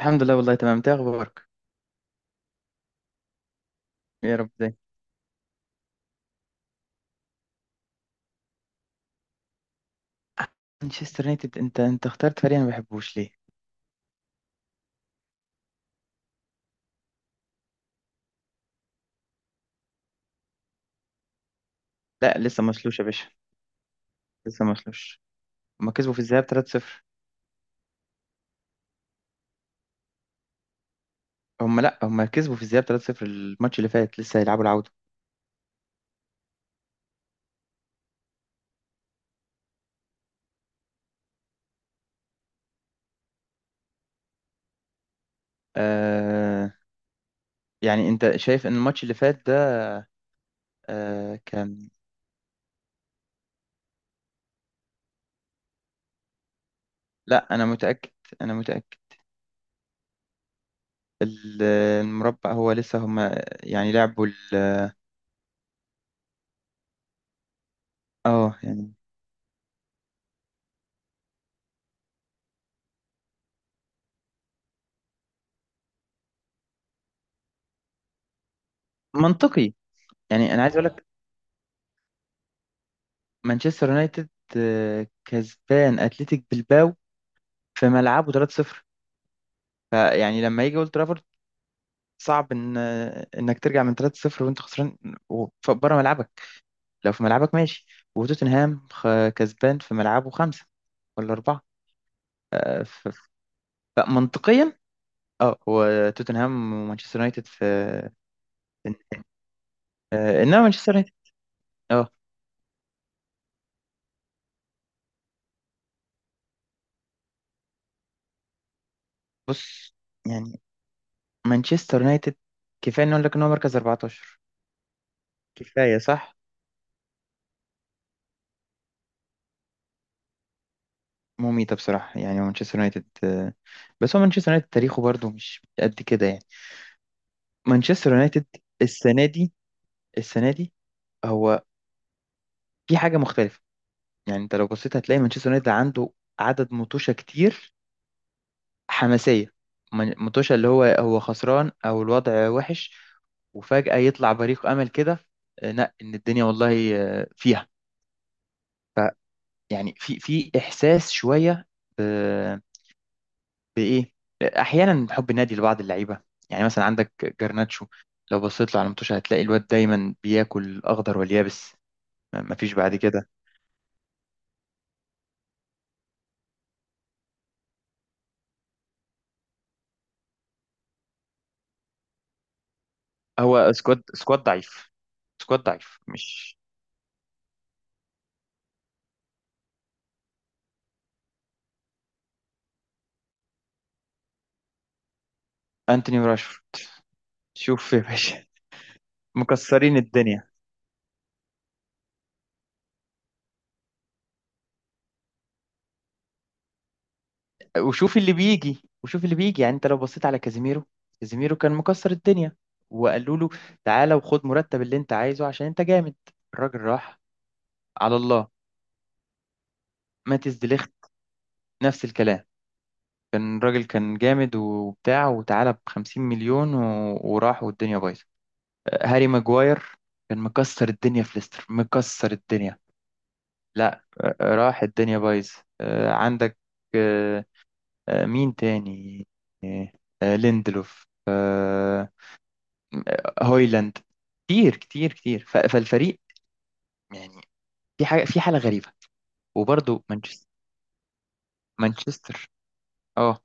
الحمد لله، والله تمام. انت اخبارك؟ يا رب دايما. مانشستر يونايتد، انت اخترت فريق انا ما بحبوش. ليه؟ لا لسه مسلوش يا باشا، لسه مسلوش. هما كسبوا في الذهاب 3-0. هما لا هما كسبوا في الذهاب 3-0، الماتش اللي فات، لسه هيلعبوا العودة. آه يعني انت شايف ان الماتش اللي فات ده كان، لا انا متأكد، انا متأكد. ال- المربع هو لسه هما يعني لعبوا اه يعني منطقي. يعني انا عايز اقول لك، مانشستر يونايتد كسبان اتلتيك بلباو في ملعبه 3-0، فيعني لما يجي اولد ترافورد صعب ان انك ترجع من 3-0 وانت خسران بره ملعبك. لو في ملعبك، ماشي. وتوتنهام كسبان في ملعبه خمسة ولا أربعة. آه، ف- فمنطقيا، اه هو توتنهام ومانشستر يونايتد في إن- انما مانشستر يونايتد، اه بص، يعني مانشستر يونايتد، كفايه نقول لك ان هو مركز 14. كفايه صح؟ مميتة بصراحة، يعني مانشستر يونايتد بس هو مانشستر يونايتد تاريخه برضه مش قد كده يعني. مانشستر يونايتد السنه دي السنه دي هو في حاجه مختلفه. يعني انت لو بصيت هتلاقي مانشستر يونايتد عنده عدد مطوشه كتير حماسيه، مطوشه اللي هو خسران او الوضع وحش، وفجاه يطلع بريق امل كده. لا ان الدنيا والله فيها. فيعني في احساس شويه ب- بايه، احيانا حب النادي لبعض اللعيبه. يعني مثلا عندك جرناتشو، لو بصيت له على المطوشه هتلاقي الواد دايما بياكل اخضر واليابس، ما فيش بعد كده. هو سكواد، سكواد ضعيف. مش انتوني وراشفورد؟ شوف يا باشا، مكسرين الدنيا. وشوف اللي بيجي، وشوف اللي بيجي. يعني انت لو بصيت على كازيميرو، كازيميرو كان مكسر الدنيا، وقالوا له تعالى وخد مرتب اللي انت عايزه عشان انت جامد، الراجل راح على الله. ماتيس ديليخت نفس الكلام، كان الراجل كان جامد وبتاع، وتعالى ب 50 مليون وراح، والدنيا بايظه. هاري ماجواير كان مكسر الدنيا في ليستر، مكسر الدنيا. لا راح الدنيا بايظ. عندك آه، مين تاني؟ آه، ليندلوف، هويلاند. كتير كتير كتير، فالفريق يعني في حاجه، في حاله غريبه. وبرضه مانشستر اه،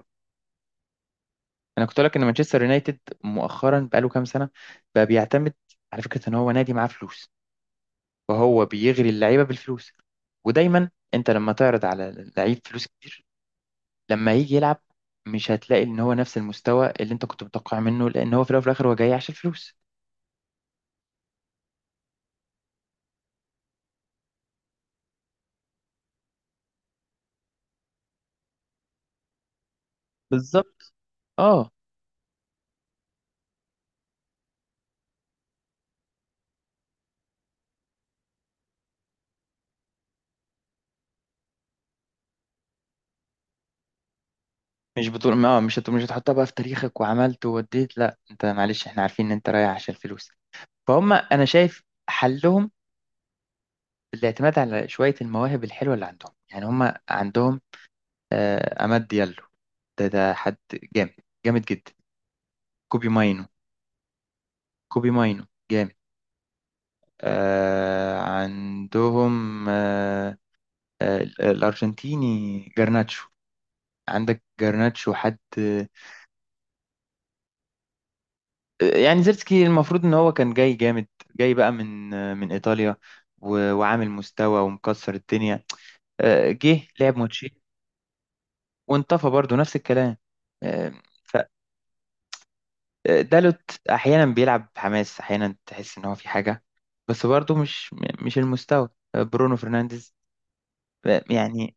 انا كنت اقول لك ان مانشستر يونايتد مؤخرا بقاله كام سنه بقى بيعتمد على فكره ان هو نادي معاه فلوس، وهو بيغري اللعيبه بالفلوس. ودايما انت لما تعرض على لعيب فلوس كتير، لما يجي يلعب مش هتلاقي ان هو نفس المستوى اللي انت كنت متوقع منه، لان هو في الاول وفي الاخر هو جاي عشان الفلوس. بالظبط، اه. مش بتقول اه مش هتحطها بقى في تاريخك وعملت ووديت؟ لا انت معلش، احنا عارفين ان انت رايح عشان الفلوس. فهم انا شايف حلهم الاعتماد على شويه المواهب الحلوه اللي عندهم. يعني هم عندهم آه عماد ديالو، ده حد جامد، جامد جدا. كوبي ماينو كوبي ماينو جامد. عندهم الأرجنتيني جرناتشو، عندك جرناتشو حد يعني. زيرتسكي المفروض إن هو كان جاي جامد، جاي بقى من من إيطاليا، وعامل مستوى ومكسر الدنيا. جه لعب ماتشين وانطفى برضه، نفس الكلام. آه، فدالوت أحيانا بيلعب حماس، أحيانا تحس إن هو في حاجة، بس برضه مش، المستوى. برونو فرنانديز يعني،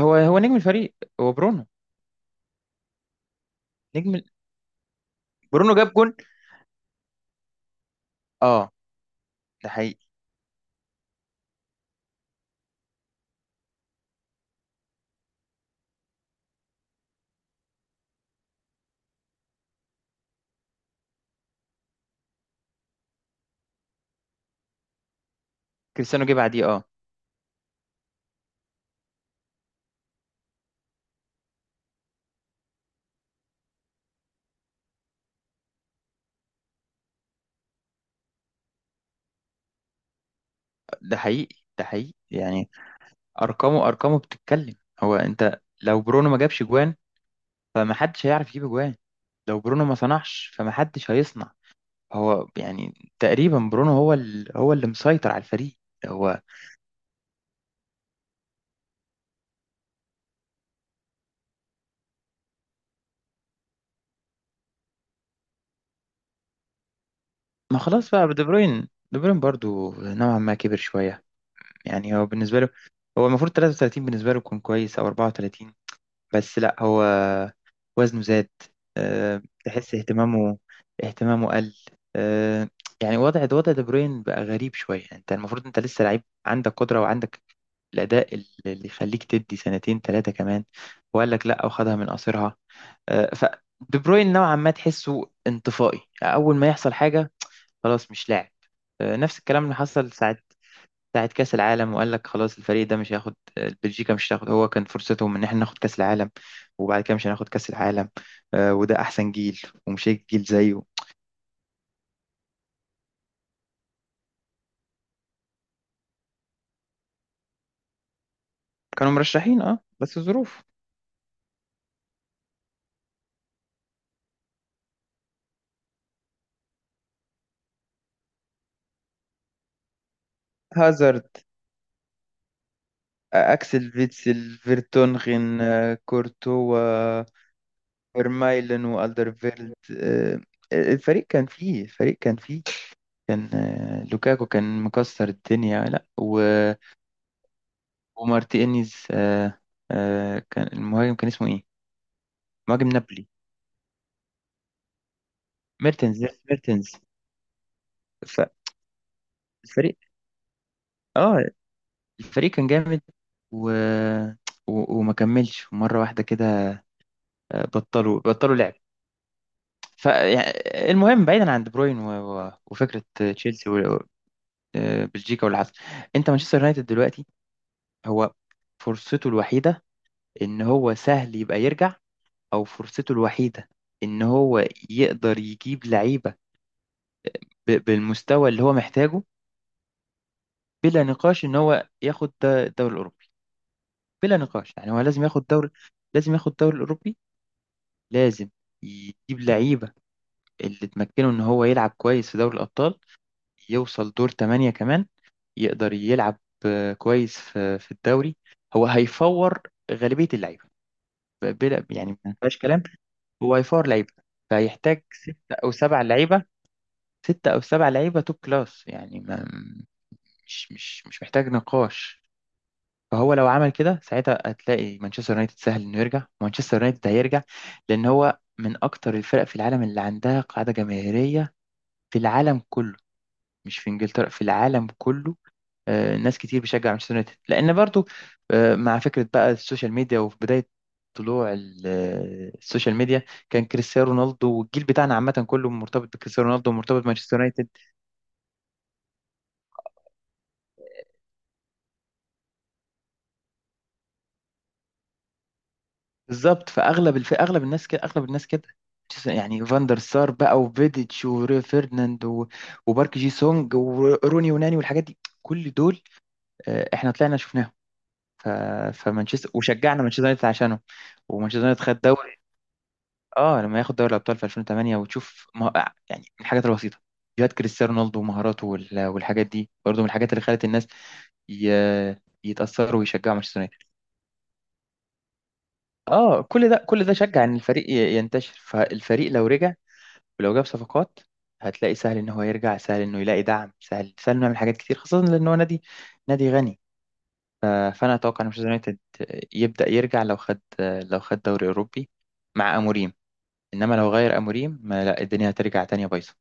هو نجم الفريق هو برونو. نجم ال- برونو جاب جون، اه ده حقيقي. كريستيانو جه بعديه، اه. ده حقيقي، ده حقيقي يعني. ارقامه بتتكلم. هو انت لو برونو ما جابش جوان فمحدش هيعرف يجيب جوان، لو برونو ما صنعش فمحدش هيصنع. هو يعني تقريبا برونو هو هو اللي مسيطر على الفريق. هو ما خلاص بقى دي بروين، دي بروين برضو نوعا ما كبر شوية. يعني هو بالنسبة له، هو المفروض 33، بالنسبة له يكون كويس، او 34. بس لا، هو وزنه زاد. تحس اهتمامه، اهتمامه قل. آه، يعني وضع دي بروين بقى غريب شوية. يعني انت المفروض انت لسه لعيب، عندك قدرة وعندك الأداء اللي يخليك تدي سنتين ثلاثة كمان. وقال لك لا، وخدها من قصيرها. آه، ف دي بروين نوعا ما تحسه انطفائي، أول ما يحصل حاجة خلاص مش لاعب. نفس الكلام اللي حصل بتاعت كأس العالم، وقال لك خلاص الفريق ده مش هياخد، بلجيكا مش هتاخد. هو كان فرصتهم ان احنا ناخد كأس العالم، وبعد كده مش هناخد كأس العالم. وده احسن جيل، ومش هيجي جيل زيه. كانوا مرشحين، اه، بس الظروف. هازارد اكسل فيتسل فيرتونغن كورتوا. فيرمايلن والدرفيلد الفريق كان فيه كان لوكاكو كان مكسر الدنيا. لا و- ومارتينيز كان المهاجم كان اسمه ايه؟ مهاجم نابولي، ميرتنز، ميرتنس. فالفريق، اه، الفريق كان جامد، و... وما كملش مرة واحدة كده. بطلوا لعب. فالمهم بعيدا عن دي بروين وفكرة تشيلسي بلجيكا واللي حصل، انت مانشستر يونايتد دلوقتي هو فرصته الوحيدة ان هو سهل يبقى يرجع، او فرصته الوحيدة ان هو يقدر يجيب لعيبة بالمستوى اللي هو محتاجه، بلا نقاش ان هو ياخد الدوري الاوروبي. بلا نقاش، يعني هو لازم ياخد دوري، لازم ياخد الدوري الأوروبي. لازم يجيب لعيبة اللي تمكنه إن هو يلعب كويس في دوري الأبطال، يوصل دور تمانية كمان، يقدر يلعب كويس في في الدوري. هو هيفور غالبية اللعيبة، بلا يعني ما فيهاش كلام. هو هيفور لعيبة، فهيحتاج ستة أو سبع لعيبة، ستة أو سبع لعيبة توب كلاس، يعني ما مش محتاج نقاش. فهو لو عمل كده ساعتها هتلاقي مانشستر يونايتد سهل انه يرجع، مانشستر يونايتد هيرجع، لان هو من اكتر الفرق في العالم اللي عندها قاعده جماهيريه في العالم كله، مش في انجلترا، في العالم كله. ناس كتير بتشجع مانشستر يونايتد لان برضو مع فكره بقى السوشيال ميديا، وفي بدايه طلوع السوشيال ميديا، كان كريستيانو رونالدو والجيل بتاعنا عامه كله مرتبط بكريستيانو رونالدو، ومرتبط بمانشستر. بالظبط، اغلب الناس كده، اغلب الناس كده. يعني فاندر سار بقى، وفيديتش، وفيرناند، وبارك جي سونج، وروني يوناني، والحاجات دي، كل دول احنا طلعنا شفناهم. ف... فمانشستر، وشجعنا مانشستر يونايتد عشانهم. ومانشستر يونايتد خد دوري، اه لما ياخد دوري الابطال في 2008 وتشوف ما... يعني من الحاجات البسيطه فيديوهات كريستيانو رونالدو ومهاراته والحاجات دي برضه من الحاجات اللي خلت الناس ي... يتأثروا ويشجعوا مانشستر يونايتد. اه كل ده كل ده شجع ان الفريق ينتشر. فالفريق لو رجع ولو جاب صفقات، هتلاقي سهل ان هو يرجع، سهل انه يلاقي دعم، سهل انه يعمل حاجات كتير، خاصة لان هو نادي، نادي غني. فانا اتوقع ان مانشستر يونايتد يبدأ يرجع لو خد، لو خد دوري اوروبي مع اموريم. انما لو غير اموريم، ما لا، الدنيا هترجع تانية بايظة.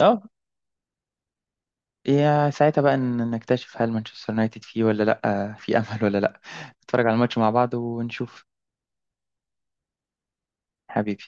اه، يا ساعتها بقى نكتشف هل مانشستر يونايتد فيه ولا لا، في امل ولا لا. نتفرج على الماتش مع بعض ونشوف. حبيبي.